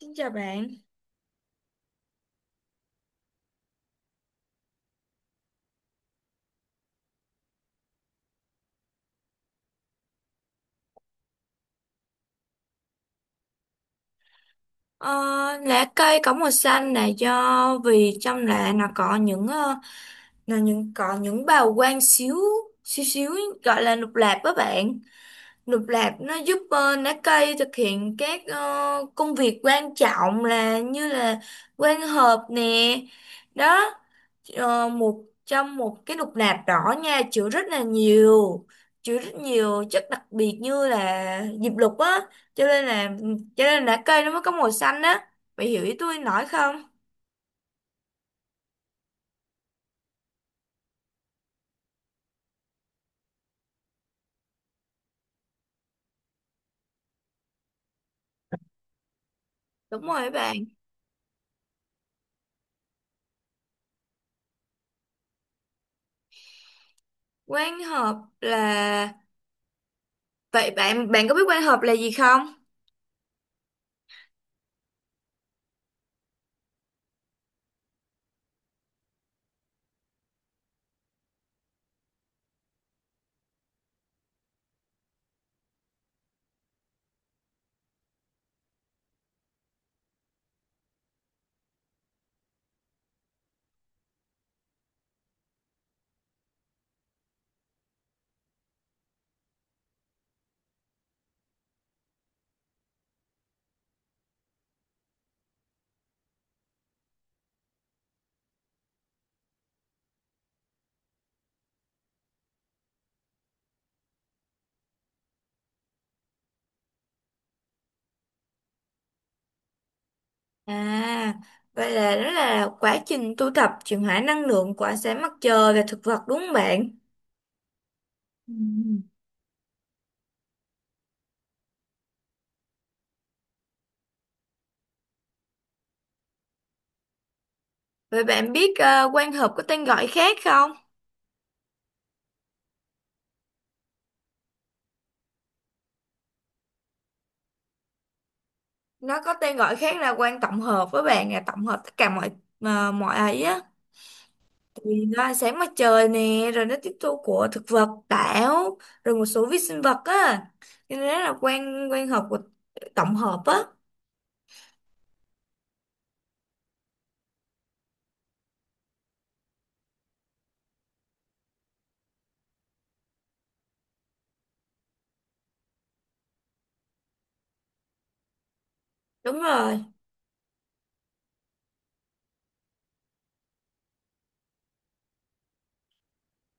Xin chào bạn. Ờ, Lá cây có màu xanh là do vì trong lá nó có là những bào quang xíu xíu xíu gọi là lục lạp đó bạn. Lục lạp nó giúp lá cây thực hiện các công việc quan trọng là như là quang hợp nè. Đó, một cái lục lạp đỏ nha chứa rất nhiều chất đặc biệt như là diệp lục á cho nên cho nên lá cây nó mới có màu xanh á, bạn hiểu ý tôi nói không? Đúng rồi bạn. Quang hợp là, vậy bạn bạn có biết quang hợp là gì không? À, vậy là nó là quá trình tu tập chuyển hóa năng lượng của ánh sáng mặt trời và thực vật, đúng không bạn? Ừ. Vậy bạn biết quan hợp có tên gọi khác không? Nó có tên gọi khác là quang tổng hợp, với bạn là tổng hợp tất cả mọi ấy á, vì nó ánh sáng mặt trời nè, rồi nó tiếp thu của thực vật, tảo, rồi một số vi sinh vật á, cho nên là quan quan hợp của tổng hợp á. Đúng rồi.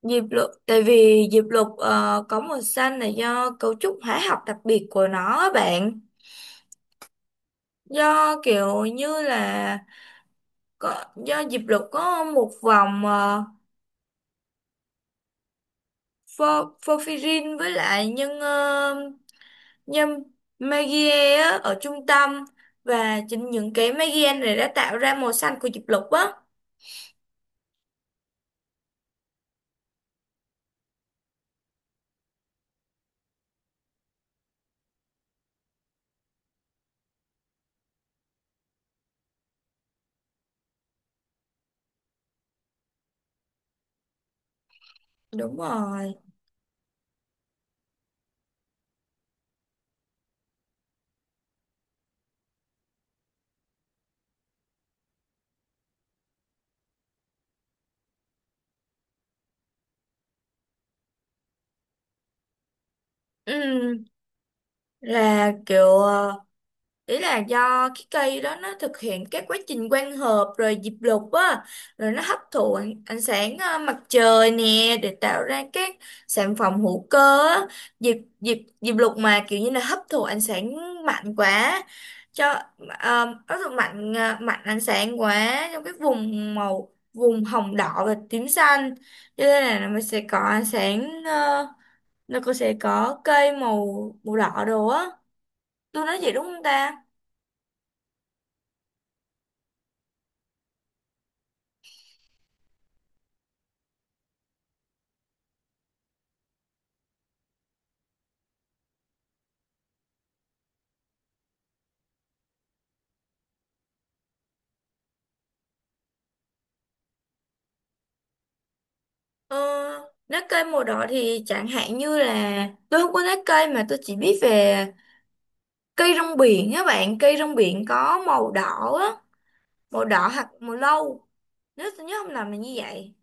Diệp lục, tại vì diệp lục có màu xanh là do cấu trúc hóa học đặc biệt của nó á bạn, do kiểu như là có do diệp lục có một vòng porphyrin với lại nhân. Nhưng Magie á, ở trung tâm, và chính những cái Magie này đã tạo ra màu xanh của diệp lục á. Đúng rồi. Ừ, là kiểu, ý là do cái cây đó nó thực hiện các quá trình quang hợp, rồi diệp lục á, rồi nó hấp thụ ánh sáng mặt trời nè để tạo ra các sản phẩm hữu cơ á. Diệp diệp diệp lục mà kiểu như là hấp thụ ánh sáng mạnh quá, cho hấp thụ mạnh ánh sáng quá trong cái vùng hồng đỏ và tím xanh, cho nên là nó sẽ có ánh sáng, nó cũng sẽ có cây màu màu đỏ đồ á, tôi nói vậy đúng không ta? Ờ, Lá cây màu đỏ thì chẳng hạn như là tôi không có lá cây, mà tôi chỉ biết về cây rong biển á bạn, cây rong biển có màu đỏ á, màu đỏ hoặc màu nâu, nếu tôi nhớ không lầm là như vậy.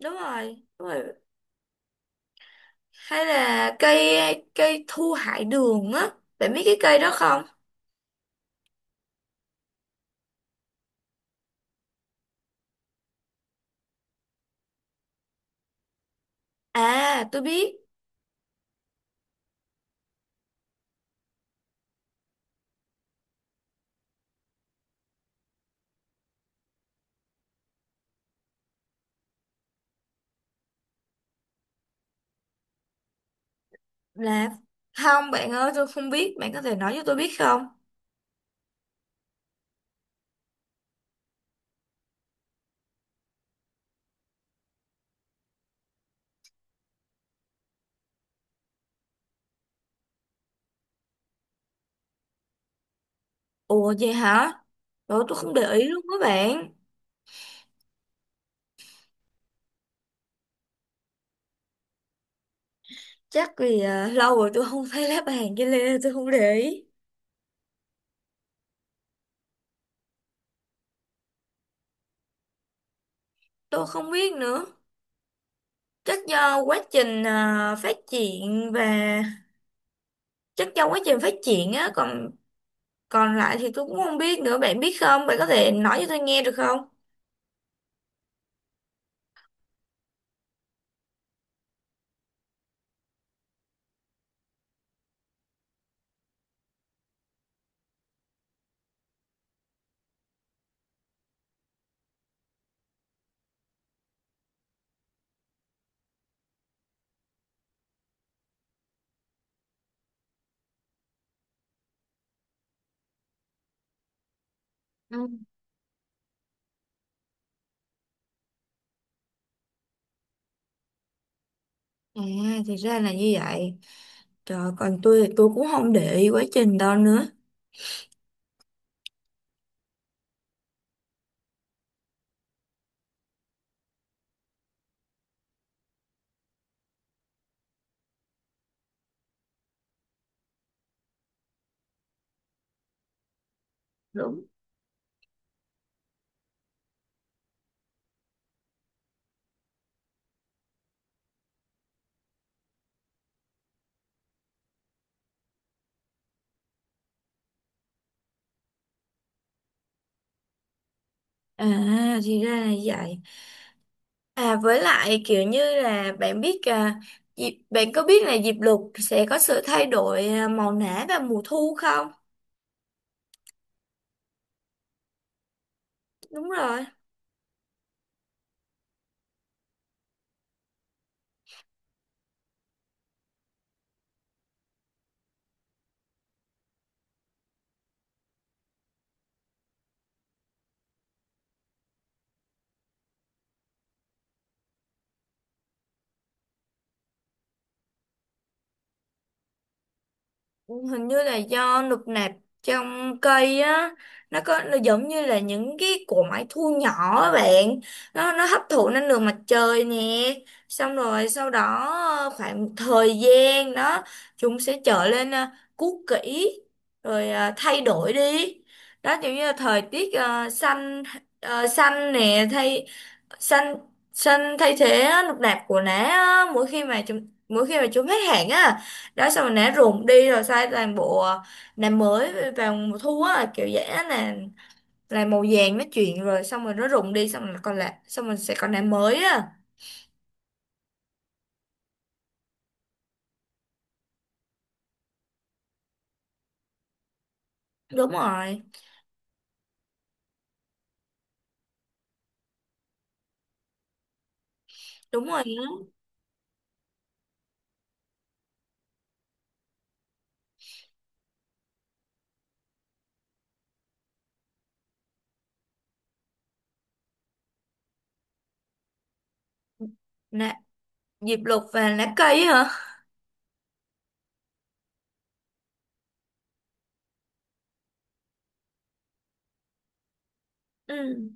Đúng rồi, hay là cây cây thu hải đường á, bạn biết cái cây đó không? À tôi biết. Là, không bạn ơi, tôi không biết, bạn có thể nói cho tôi biết không? Ủa vậy hả? Ủa tôi không để ý luôn các bạn. Chắc vì lâu rồi tôi không thấy lá bàn với lê, tôi không để ý. Tôi không biết nữa, chắc do quá trình phát triển và chắc do quá trình phát triển á còn còn lại thì tôi cũng không biết nữa, bạn biết không, bạn có thể nói cho tôi nghe được không? Ừ. À thì ra là như vậy. Trời, còn tôi thì tôi cũng không để ý quá trình đâu nữa. Đúng. À thì ra là như vậy. À với lại kiểu như là bạn có biết là diệp lục sẽ có sự thay đổi màu nã vào mùa thu không? Đúng rồi. Hình như là do nụp nạp trong cây á, nó có, nó giống như là những cái cỗ máy thu nhỏ á bạn, nó hấp thụ năng lượng mặt trời nè, xong rồi sau đó khoảng một thời gian đó chúng sẽ trở lên cũ kỹ, rồi thay đổi đi. Đó, giống như là thời tiết xanh, ờ, xanh nè thay xanh xanh thay thế á, nụp nạp của nó á, mỗi khi mà chúng hết hạn á. Đó, xong rồi nã ruộng đi, rồi sai toàn bộ nã mới vào mùa thu á, kiểu dễ là màu vàng nó chuyển, rồi xong rồi nó rụng đi, xong rồi còn lại, xong rồi sẽ còn nã mới á. Đúng rồi. Đúng rồi á. Nã diệp lục và nã cây hả? Ừ.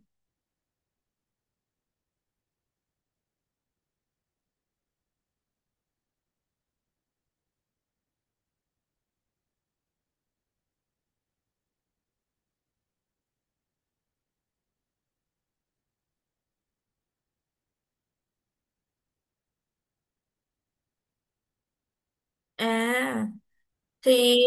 À thì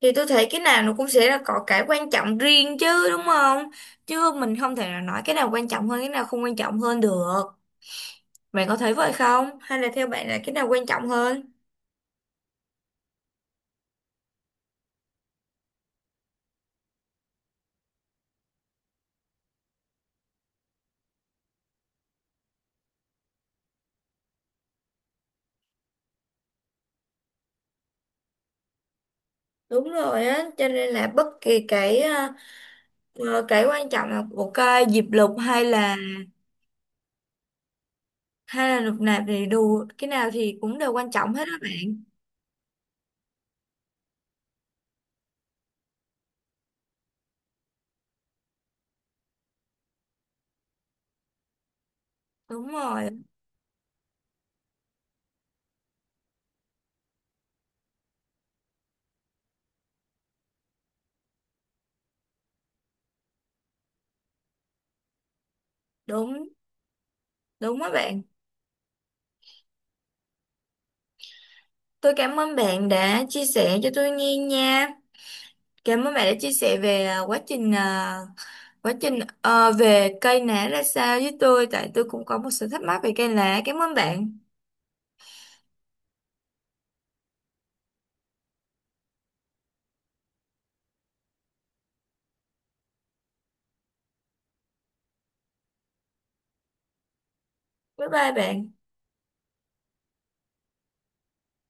thì tôi thấy cái nào nó cũng sẽ là có cái quan trọng riêng chứ đúng không, chứ mình không thể nào nói cái nào quan trọng hơn cái nào không quan trọng hơn được, bạn có thấy vậy không, hay là theo bạn là cái nào quan trọng hơn? Đúng rồi á, cho nên là bất kỳ cái quan trọng là của cái diệp lục hay là lục nạp thì đủ, cái nào thì cũng đều quan trọng hết á bạn. Đúng rồi, đúng đúng á bạn. Tôi cảm ơn bạn đã chia sẻ cho tôi nghe nha. Cảm ơn bạn đã chia sẻ về quá trình về cây lá ra sao với tôi, tại tôi cũng có một sự thắc mắc về cây lá. Cảm ơn bạn. Bye bye bạn.